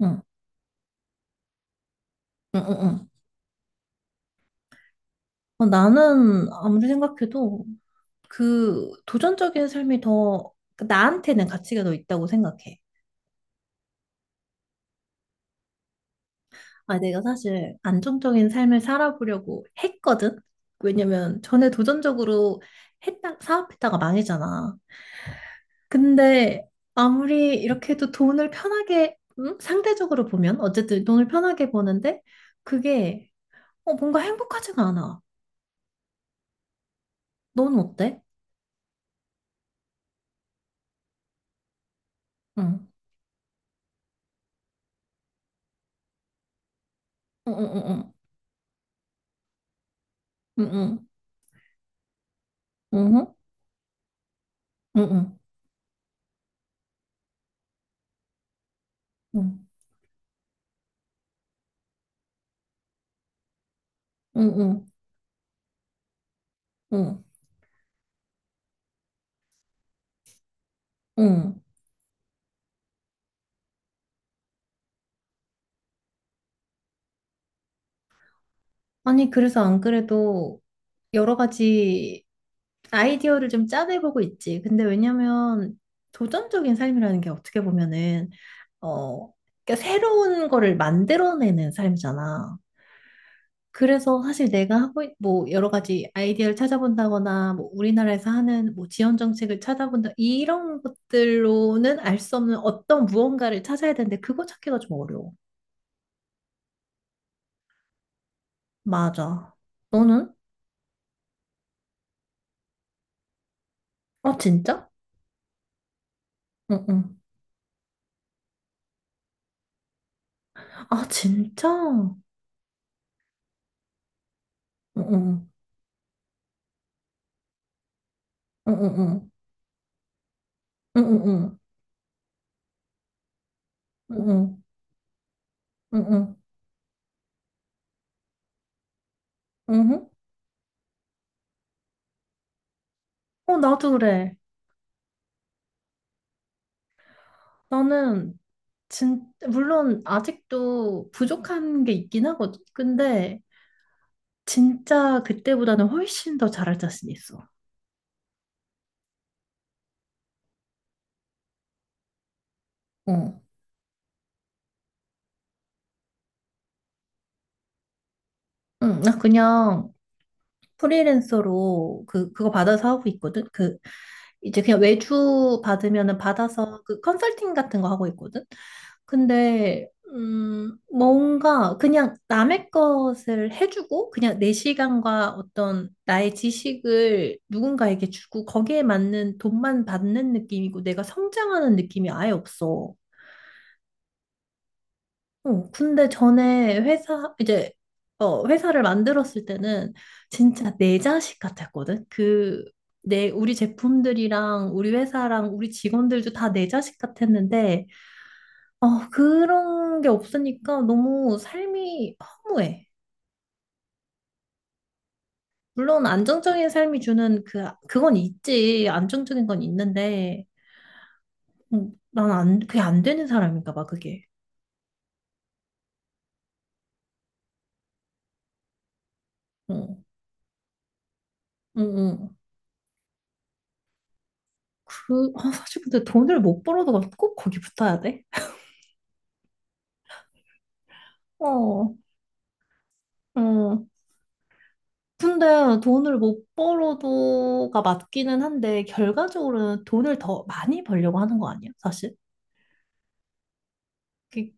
응, 응, 응, 응. 나는 아무리 생각해도 그 도전적인 삶이 더 나한테는 가치가 더 있다고 생각해. 아, 내가 사실 안정적인 삶을 살아보려고 했거든? 왜냐면 전에 도전적으로 사업했다가 망했잖아. 근데 아무리 이렇게 해도 돈을 편하게, 상대적으로 보면, 어쨌든 돈을 편하게 버는데 그게 뭔가 행복하지가 않아. 넌 어때? 응, 응, 응, 응, 응, 응, 응. 응. 응. 응, 응, 응, 응, 응, 응. 응. 아니, 그래서 안 그래도 여러 가지 아이디어를 좀 짜내보고 있지. 근데 왜냐면 도전적인 삶이라는 게 어떻게 보면은, 어, 그러니까 새로운 거를 만들어내는 삶이잖아. 그래서 사실 내가 뭐, 여러 가지 아이디어를 찾아본다거나, 뭐, 우리나라에서 하는 뭐, 지원 정책을 찾아본다, 이런 것들로는 알 수 없는 어떤 무언가를 찾아야 되는데, 그거 찾기가 좀 어려워. 맞아. 너는? 아, 진짜? 응, 응. 아, 진짜? 응, 응. 응, 응, 응. 응, 응, 응. 응, 응. 응, 응. 응, 응. 나도 그래. 나는, 진, 물론, 아직도 부족한 게 있긴 하거든. 근데, 진짜 그때보다는 훨씬 더 잘할 자신 있어. 응. 응, 나 그냥, 프리랜서로 그거 받아서 하고 있거든. 그 이제 그냥 외주 받으면은 받아서 그 컨설팅 같은 거 하고 있거든. 근데 뭔가 그냥 남의 것을 해주고 그냥 내 시간과 어떤 나의 지식을 누군가에게 주고 거기에 맞는 돈만 받는 느낌이고 내가 성장하는 느낌이 아예 없어. 근데 전에 회사를 만들었을 때는 진짜 내 자식 같았거든? 우리 제품들이랑 우리 회사랑 우리 직원들도 다 내 자식 같았는데, 그런 게 없으니까 너무 삶이 허무해. 물론 안정적인 삶이 주는 그건 있지. 안정적인 건 있는데, 난 안, 그게 안 되는 사람인가 봐, 그게. 어, 응, 응. 아, 사실 근데 돈을 못 벌어도 꼭 거기 붙어야 돼? 어, 어. 근데 돈을 못 벌어도가 맞기는 한데, 결과적으로는 돈을 더 많이 벌려고 하는 거 아니야, 사실? 그,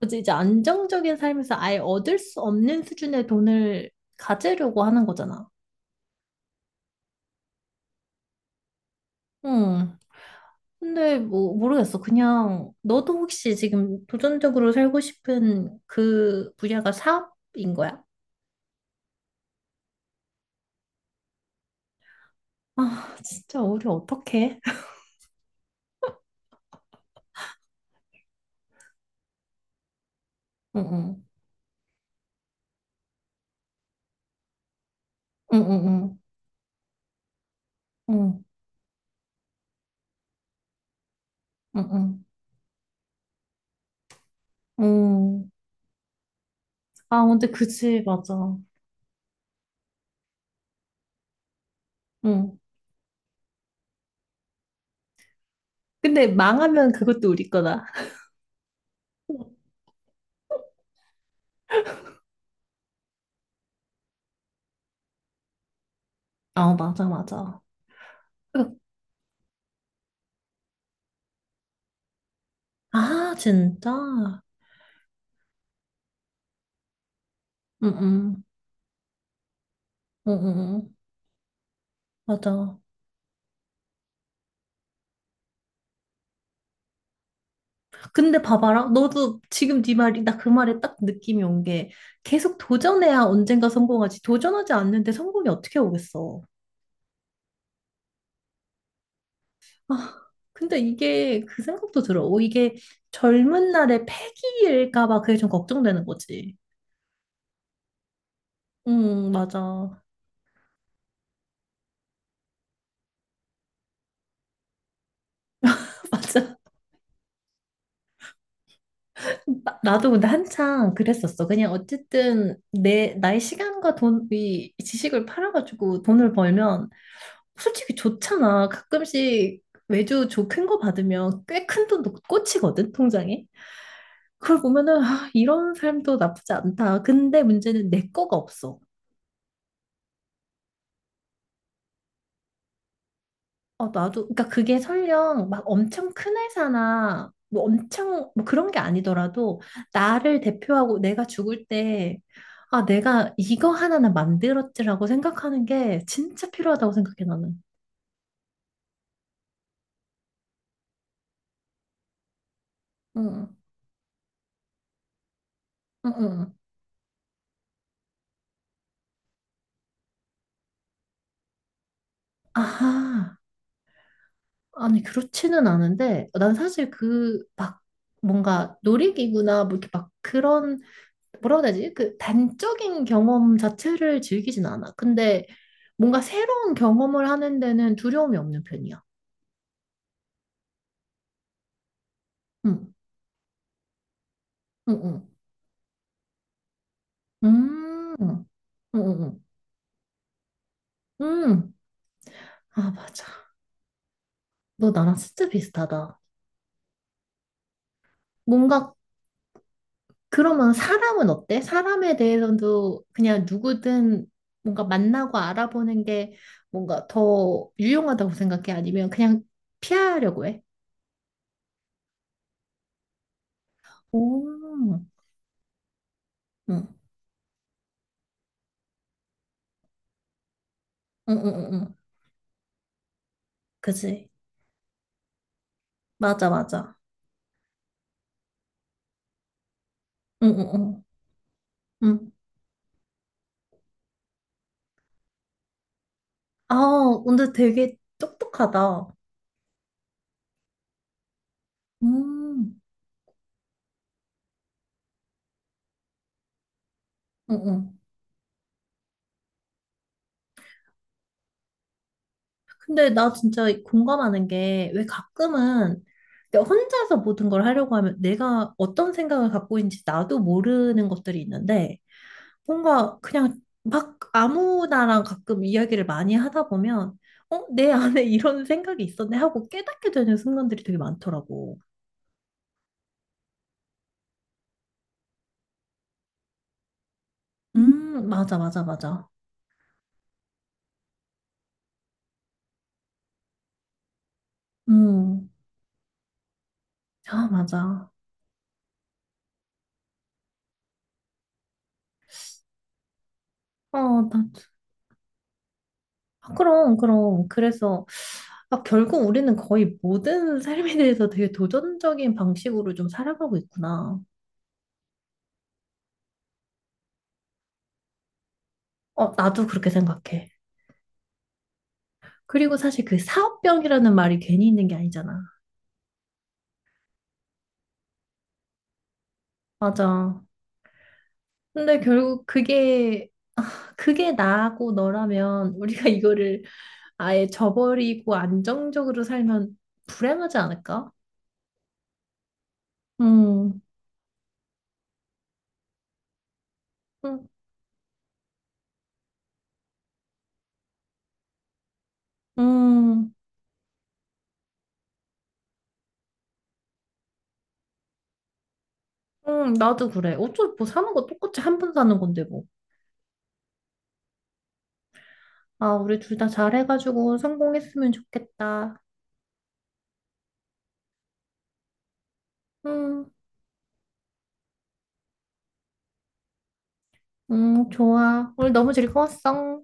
뭐지, 이제 안정적인 삶에서 아예 얻을 수 없는 수준의 돈을 가지려고 하는 거잖아. 응. 근데 뭐, 모르겠어. 그냥, 너도 혹시 지금 도전적으로 살고 싶은 그 분야가 사업인 거야? 아, 진짜 우리 어떡해? 응, 응, 응, 응, 응, 응, 응, 응. 응. 아, 근데 그치, 맞아. 응. 근데 망하면 그것도 우리 거다. 아, 맞아, 맞아. 아, 진짜? 응응. 응응. 맞아. 근데 봐봐라. 너도 지금 네 말이, 나 그 말에 딱 느낌이 온 게, 계속 도전해야 언젠가 성공하지. 도전하지 않는데 성공이 어떻게 오겠어. 아, 근데 이게 그 생각도 들어. 오, 이게 젊은 날의 패기일까 봐 그게 좀 걱정되는 거지. 응, 맞아. 맞아. 나도 근데 한창 그랬었어. 그냥 어쨌든 내 나의 시간과 돈이 지식을 팔아가지고 돈을 벌면 솔직히 좋잖아. 가끔씩 외주 조큰 거 받으면 꽤 큰 돈도 꽂히거든, 통장에. 그걸 보면은 아, 이런 삶도 나쁘지 않다. 근데 문제는 내 거가 없어. 어, 나도, 그러니까 그게 설령 막 엄청 큰 회사나 뭐 엄청 뭐 그런 게 아니더라도 나를 대표하고 내가 죽을 때 아, 내가 이거 하나는 만들었지라고 생각하는 게 진짜 필요하다고 생각해, 나는. 응, 응, 응. 아하. 아니, 그렇지는 않은데 난 사실 그 막 뭔가 놀이기구나 뭐 이렇게 막 그런 뭐라고 해야 되지? 그 단적인 경험 자체를 즐기진 않아. 근데 뭔가 새로운 경험을 하는 데는 두려움이 없는 편이야. 응, 응, 응. 응, 응, 응. 아, 맞아. 너 나랑 진짜 비슷하다. 뭔가 그러면 사람은 어때? 사람에 대해서도 그냥 누구든 뭔가 만나고 알아보는 게 뭔가 더 유용하다고 생각해? 아니면 그냥 피하려고 해? 오, 응, 응, 응, 응. 응. 그지? 맞아, 맞아. 응, 응, 응. 응. 아, 근데 되게 똑똑하다. 음, 응, 응. 근데 나 진짜 공감하는 게 왜 가끔은 내가 혼자서 모든 걸 하려고 하면 내가 어떤 생각을 갖고 있는지 나도 모르는 것들이 있는데 뭔가 그냥 막 아무나랑 가끔 이야기를 많이 하다 보면 내 안에 이런 생각이 있었네 하고 깨닫게 되는 순간들이 되게 많더라고. 맞아, 맞아, 맞아. 음, 아, 맞아. 어, 나 아, 그럼, 그럼. 그래서, 아, 결국 우리는 거의 모든 삶에 대해서 되게 도전적인 방식으로 좀 살아가고 있구나. 어, 나도 그렇게 생각해. 그리고 사실 그 사업병이라는 말이 괜히 있는 게 아니잖아. 맞아. 근데 결국 그게 나하고 너라면 우리가 이거를 아예 저버리고 안정적으로 살면 불행하지 않을까? 음, 음, 음, 나도 그래. 어차피 뭐 사는 거 똑같이 한 번 사는 건데 뭐. 아, 우리 둘 다 잘해가지고 성공했으면 좋겠다. 응, 응, 좋아. 오늘 너무 즐거웠어.